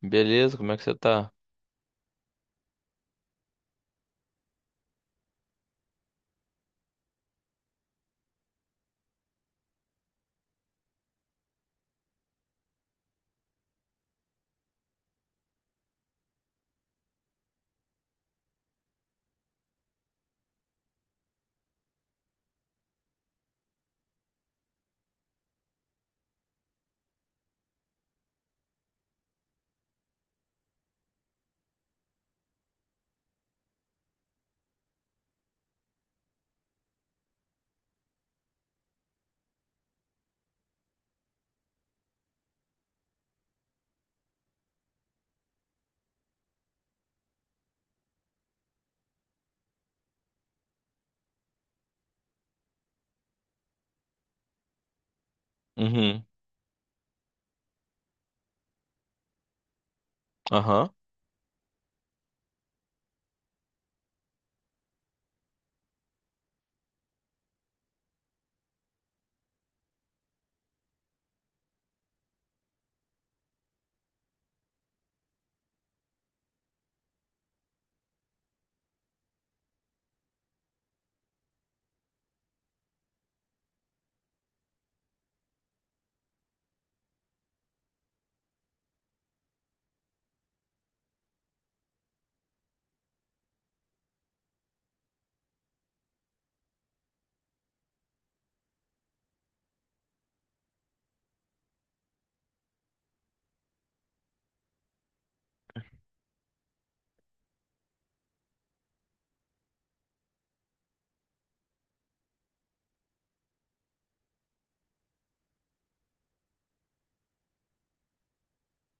Beleza, como é que você tá? Uhum. Aham.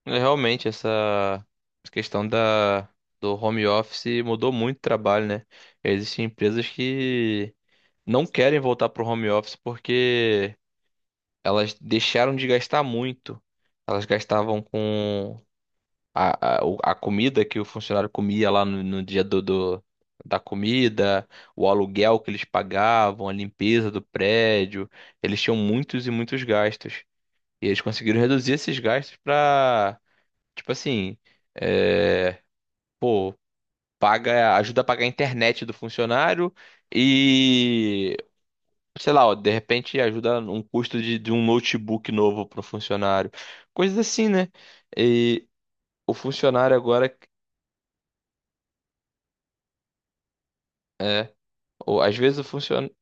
É, realmente, essa questão do home office mudou muito o trabalho, né? Existem empresas que não querem voltar pro home office porque elas deixaram de gastar muito. Elas gastavam com a comida que o funcionário comia lá no dia da comida, o aluguel que eles pagavam, a limpeza do prédio. Eles tinham muitos e muitos gastos. E eles conseguiram reduzir esses gastos pra, tipo assim, é, pô, ajuda a pagar a internet do funcionário e, sei lá, ó, de repente ajuda um custo de um notebook novo pro funcionário. Coisas assim, né? E o funcionário agora, é, ou às vezes o funcionário.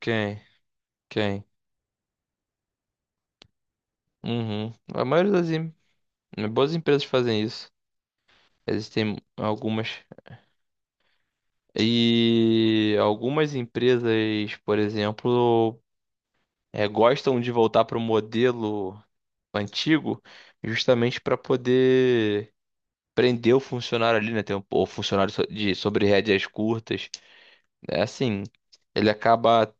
Quem? Quem? Uhum. A maioria das boas empresas fazem isso. Existem algumas. E algumas empresas, por exemplo, gostam de voltar para o modelo antigo justamente para poder prender o funcionário ali, né? Tem o funcionário de sobre rédeas curtas. É assim, ele acaba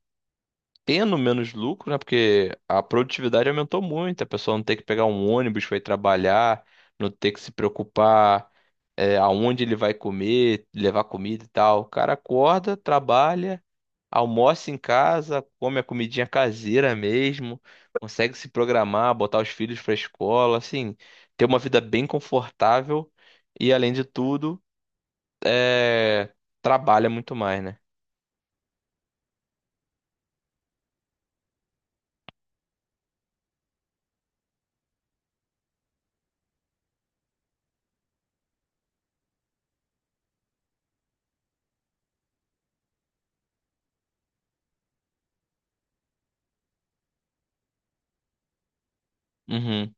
tendo menos lucro, né? Porque a produtividade aumentou muito, a pessoa não tem que pegar um ônibus para ir trabalhar, não ter que se preocupar aonde ele vai comer, levar comida e tal. O cara acorda, trabalha, almoça em casa, come a comidinha caseira mesmo, consegue se programar, botar os filhos pra escola, assim, ter uma vida bem confortável e, além de tudo, é, trabalha muito mais, né? Uhum.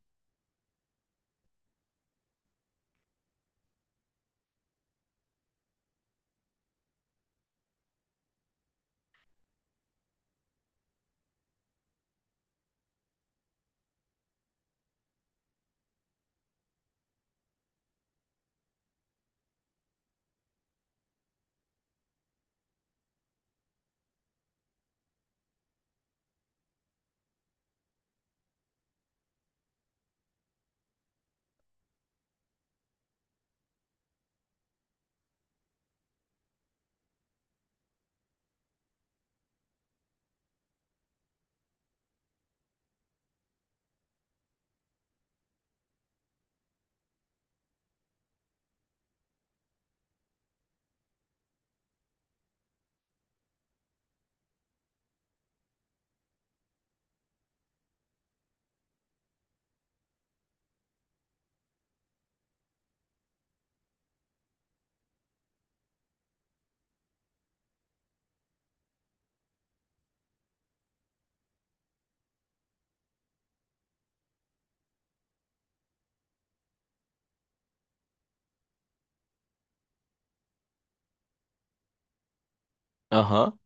Aham.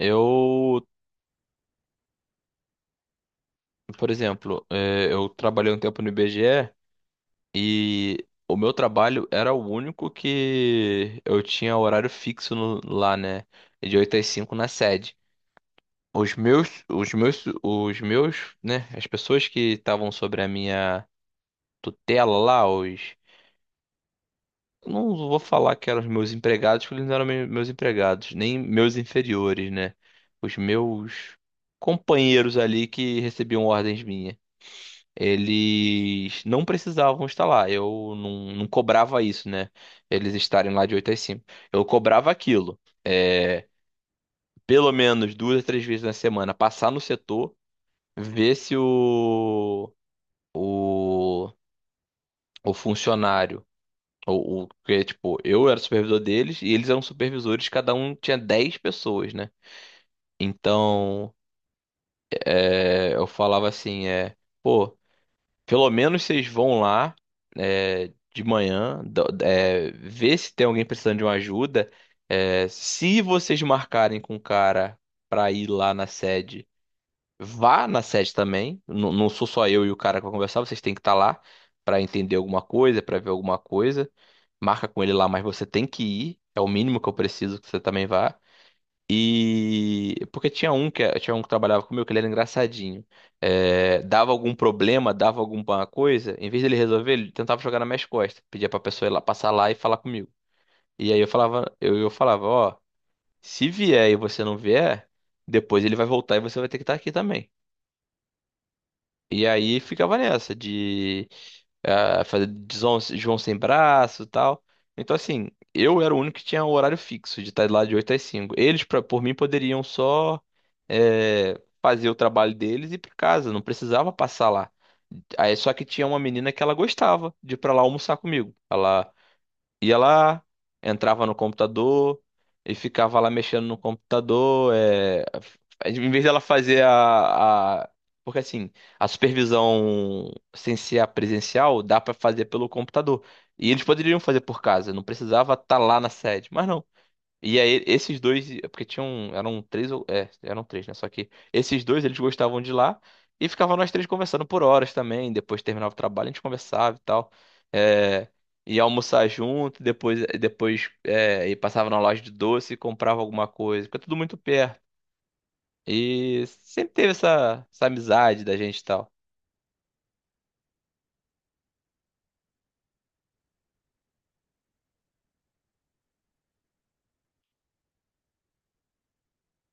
Eu, por exemplo, é, eu trabalhei um tempo no IBGE e o meu trabalho era o único que eu tinha horário fixo lá, né? De 8 às 5 na sede. Os meus, né? As pessoas que estavam sobre a minha tutela lá, os. Eu não vou falar que eram os meus empregados, porque eles não eram meus empregados, nem meus inferiores, né? Os meus companheiros ali que recebiam ordens minhas. Eles não precisavam estar lá. Eu não cobrava isso, né? Eles estarem lá de 8 às cinco, eu cobrava aquilo. É, pelo menos 2 a 3 vezes na semana, passar no setor ver se o, o funcionário, ou o que, tipo, eu era supervisor deles e eles eram supervisores, cada um tinha 10 pessoas, né? Então, eu falava assim, pô, pelo menos vocês vão lá, de manhã, ver se tem alguém precisando de uma ajuda. É, se vocês marcarem com o cara pra ir lá na sede. Vá na sede também. Não, não sou só eu e o cara que vai conversar, vocês têm que estar lá para entender alguma coisa, para ver alguma coisa. Marca com ele lá, mas você tem que ir. É o mínimo que eu preciso que você também vá. E porque tinha um que trabalhava comigo que ele era engraçadinho. É, dava algum problema, dava alguma coisa, em vez dele resolver, ele tentava jogar nas minhas costas, pedia pra pessoa ir lá, passar lá e falar comigo. E aí eu falava, ó, se vier e você não vier, depois ele vai voltar e você vai ter que estar aqui também. E aí ficava nessa de fazer de João sem braço e tal. Então, assim, eu era o único que tinha um horário fixo de estar lá de 8 às cinco. Eles, por mim, poderiam só fazer o trabalho deles e ir pra casa, não precisava passar lá. Aí, só que tinha uma menina que ela gostava de ir pra lá almoçar comigo, ia lá, entrava no computador e ficava lá mexendo no computador. Em vez dela fazer. Porque assim, a supervisão sem ser a presencial dá pra fazer pelo computador. E eles poderiam fazer por casa, não precisava estar lá na sede. Mas não. E aí, esses dois, é porque tinham, eram três, eram três, né? Só que esses dois, eles gostavam de lá e ficavam nós três conversando por horas também. Depois terminava o trabalho, a gente conversava e tal. É, ia almoçar junto, depois, e passava na loja de doce e comprava alguma coisa, porque é tudo muito perto. E sempre teve essa amizade da gente e tal.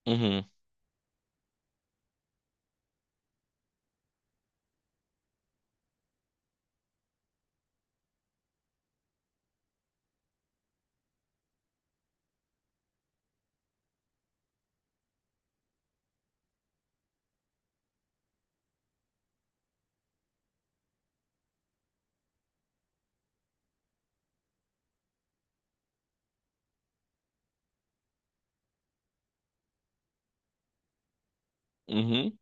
Uhum, uhum,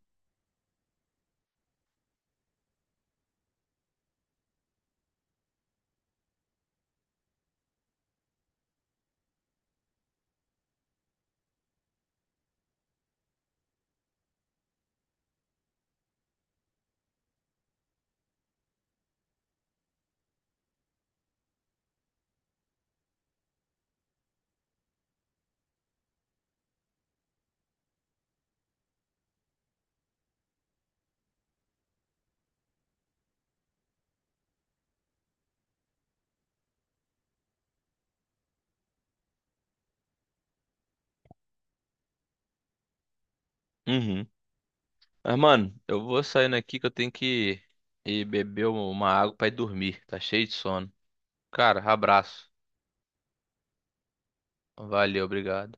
uhum. Mas, mano, eu vou saindo aqui que eu tenho que ir beber uma água pra ir dormir. Tá cheio de sono. Cara, abraço. Valeu, obrigado.